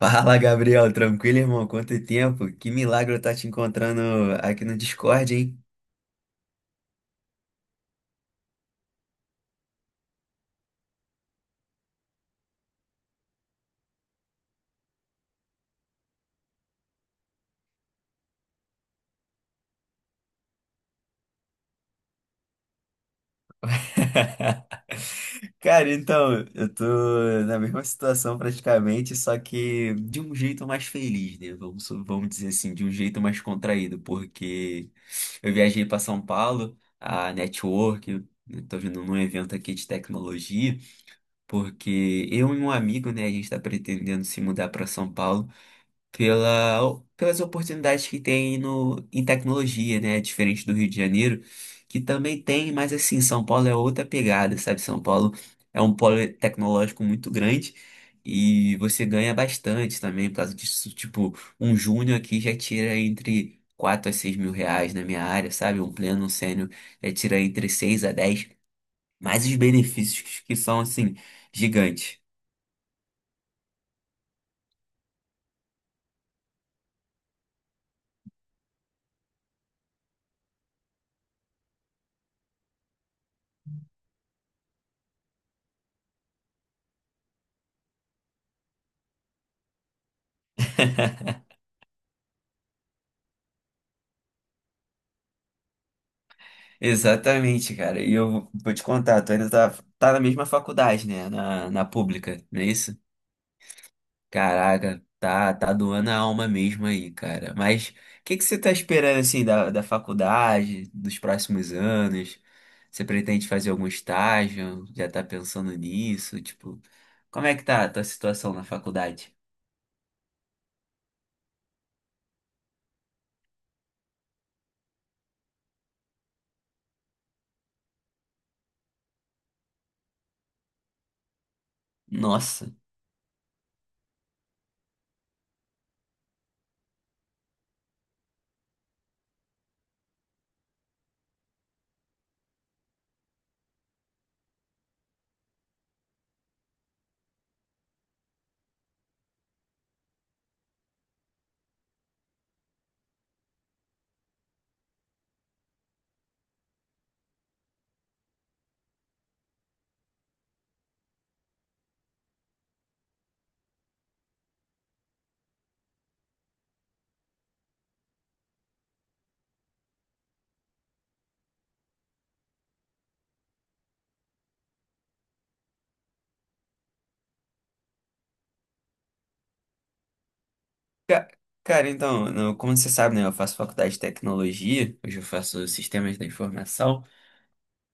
Fala, Gabriel. Tranquilo, irmão? Quanto tempo? Que milagre eu tá te encontrando aqui no Discord, hein? Cara, então, eu tô na mesma situação praticamente, só que de um jeito mais feliz, né? Vamos dizer assim, de um jeito mais contraído, porque eu viajei para São Paulo, a Network, eu tô vindo num evento aqui de tecnologia, porque eu e um amigo, né, a gente tá pretendendo se mudar para São Paulo, pelas oportunidades que tem no, em tecnologia, né? Diferente do Rio de Janeiro, que também tem, mas assim, São Paulo é outra pegada, sabe? São Paulo é um polo tecnológico muito grande e você ganha bastante também por causa disso. Tipo, um júnior aqui já tira entre R$ 4 a 6 mil na minha área, sabe? Um pleno, um sênior já tira entre 6 a 10, mais os benefícios que são, assim, gigantes. Exatamente, cara. E eu vou te contar, tá na mesma faculdade, né? Na pública, não é isso? Caraca, tá doando a alma mesmo aí, cara. Mas o que que você tá esperando, assim, da faculdade, dos próximos anos? Você pretende fazer algum estágio? Já tá pensando nisso? Tipo, como é que tá a tua situação na faculdade? Nossa. Ca- Cara, então, como você sabe, né? Eu faço faculdade de tecnologia, hoje eu faço sistemas da informação.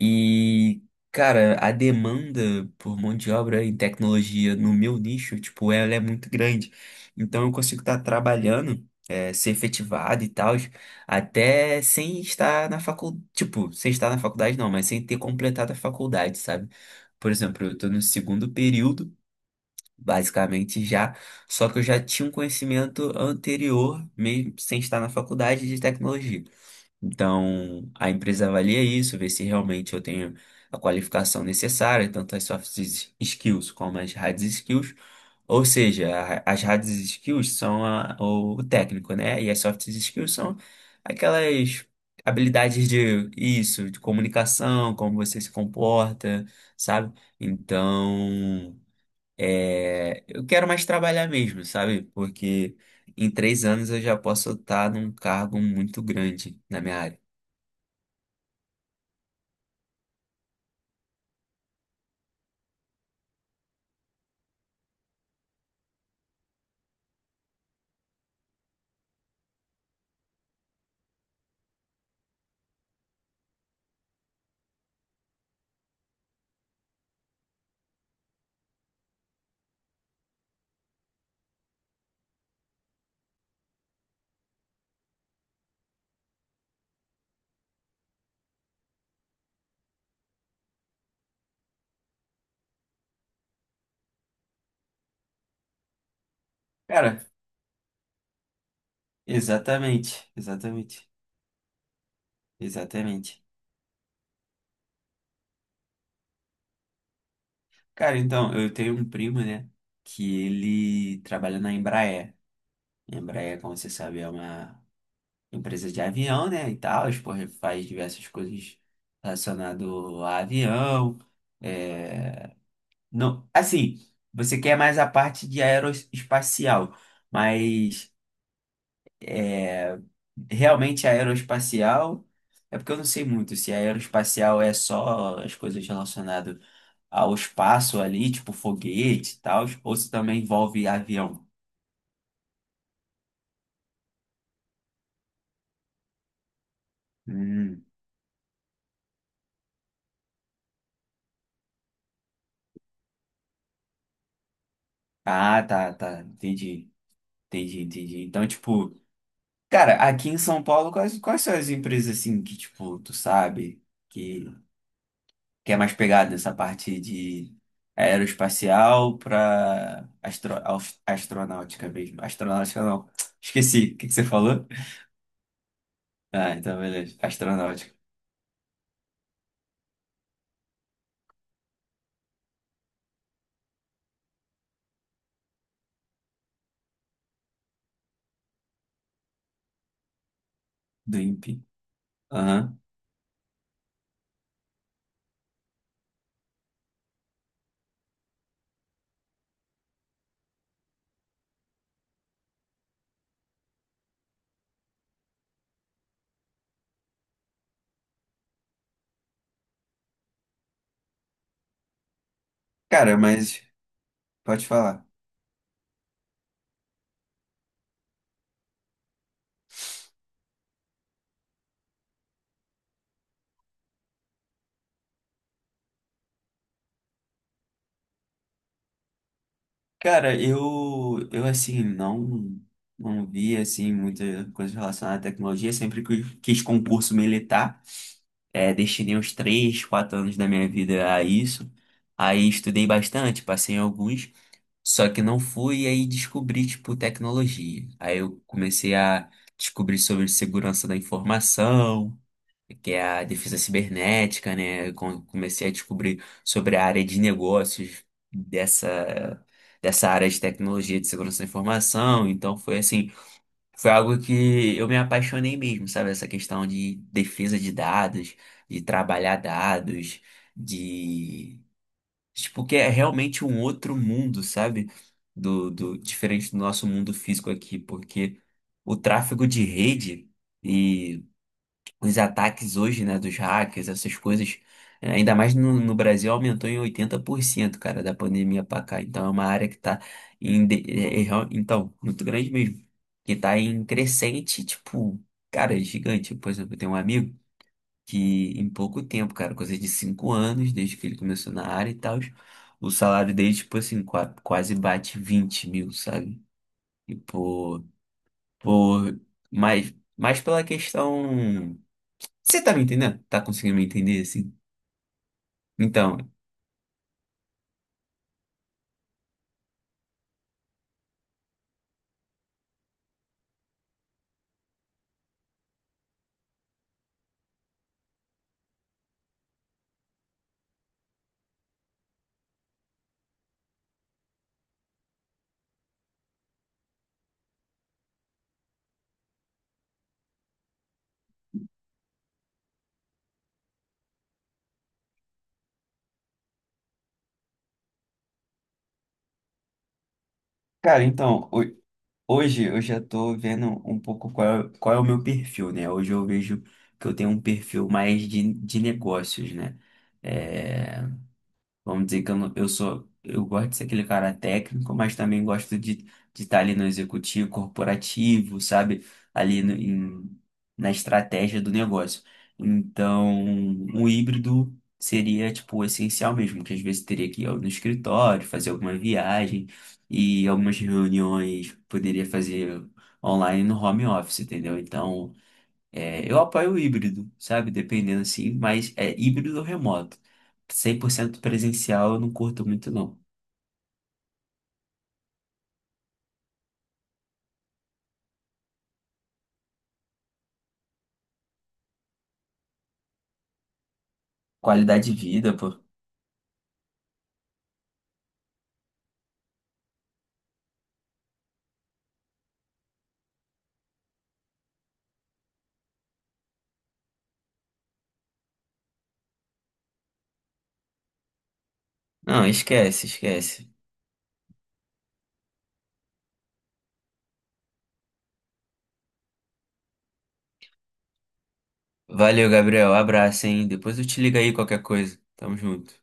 E, cara, a demanda por mão de obra em tecnologia no meu nicho, tipo, ela é muito grande. Então eu consigo estar trabalhando, ser efetivado e tal, até sem estar na faculdade, tipo, sem estar na faculdade não, mas sem ter completado a faculdade, sabe? Por exemplo, eu estou no segundo período, basicamente já, só que eu já tinha um conhecimento anterior, mesmo sem estar na faculdade de tecnologia. Então, a empresa avalia isso, vê se realmente eu tenho a qualificação necessária, tanto as skills como as hard skills. Ou seja, as hard skills são o técnico, né? E as soft skills são aquelas habilidades de isso, de comunicação, como você se comporta, sabe? Então, é, eu quero mais trabalhar mesmo, sabe? Porque em 3 anos eu já posso estar num cargo muito grande na minha área. Cara, exatamente, exatamente, exatamente. Cara, então, eu tenho um primo, né, que ele trabalha na Embraer. A Embraer, como você sabe, é uma empresa de avião, né, e tal, porra, faz diversas coisas relacionadas a avião. É... Não, assim, você quer mais a parte de aeroespacial, mas é... realmente aeroespacial... É porque eu não sei muito se aeroespacial é só as coisas relacionadas ao espaço ali, tipo foguete e tal, ou se também envolve avião. Hum. Ah, tá. Entendi. Entendi. Então, tipo, cara, aqui em São Paulo, quais são as empresas assim que, tipo, tu sabe que, que é mais pegada nessa parte de aeroespacial pra astronáutica mesmo? Astronáutica não. Esqueci. O que que você falou? Ah, então beleza. Astronáutica. Do INPE. Aham. Cara, mas pode falar. Cara, eu assim, não vi, assim, muita coisa relacionada à tecnologia. Sempre que quis concurso militar, é, destinei uns 3 ou 4 anos da minha vida a isso. Aí estudei bastante, passei em alguns, só que não fui, e aí descobri, tipo, tecnologia. Aí eu comecei a descobrir sobre segurança da informação, que é a defesa cibernética, né? Comecei a descobrir sobre a área de negócios dessa, dessa área de tecnologia de segurança da informação. Então foi assim, foi algo que eu me apaixonei mesmo, sabe? Essa questão de defesa de dados, de trabalhar dados, de tipo que é realmente um outro mundo, sabe? Do diferente do nosso mundo físico aqui, porque o tráfego de rede e os ataques hoje, né, dos hackers, essas coisas, ainda mais no Brasil, aumentou em 80% cara, da pandemia pra cá. Então é uma área que tá então, muito grande mesmo, que tá em crescente, tipo, cara, é gigante. Por exemplo, eu tenho um amigo que em pouco tempo, cara, coisa de 5 anos, desde que ele começou na área e tal, o salário dele, tipo assim, quase bate 20 mil, sabe? E por, mais pela questão, você tá me entendendo? Tá conseguindo me entender assim? Então, cara, então, hoje eu já tô vendo um pouco qual é o meu perfil, né? Hoje eu vejo que eu tenho um perfil mais de negócios, né? Eh, vamos dizer que eu, não- eu sou, eu gosto de ser aquele cara técnico, mas também gosto de estar ali no executivo corporativo, sabe? Ali no- em- Na estratégia do negócio. Então, um híbrido seria, tipo, essencial mesmo, que às vezes teria que no escritório, fazer alguma viagem e algumas reuniões poderia fazer online no home office, entendeu? Então, é, eu apoio o híbrido, sabe? Dependendo assim, mas é híbrido ou remoto. 100% presencial eu não curto muito, não. Qualidade de vida, pô. Não, esquece, esquece. Valeu, Gabriel. Abraço, hein? Depois eu te ligo aí qualquer coisa. Tamo junto.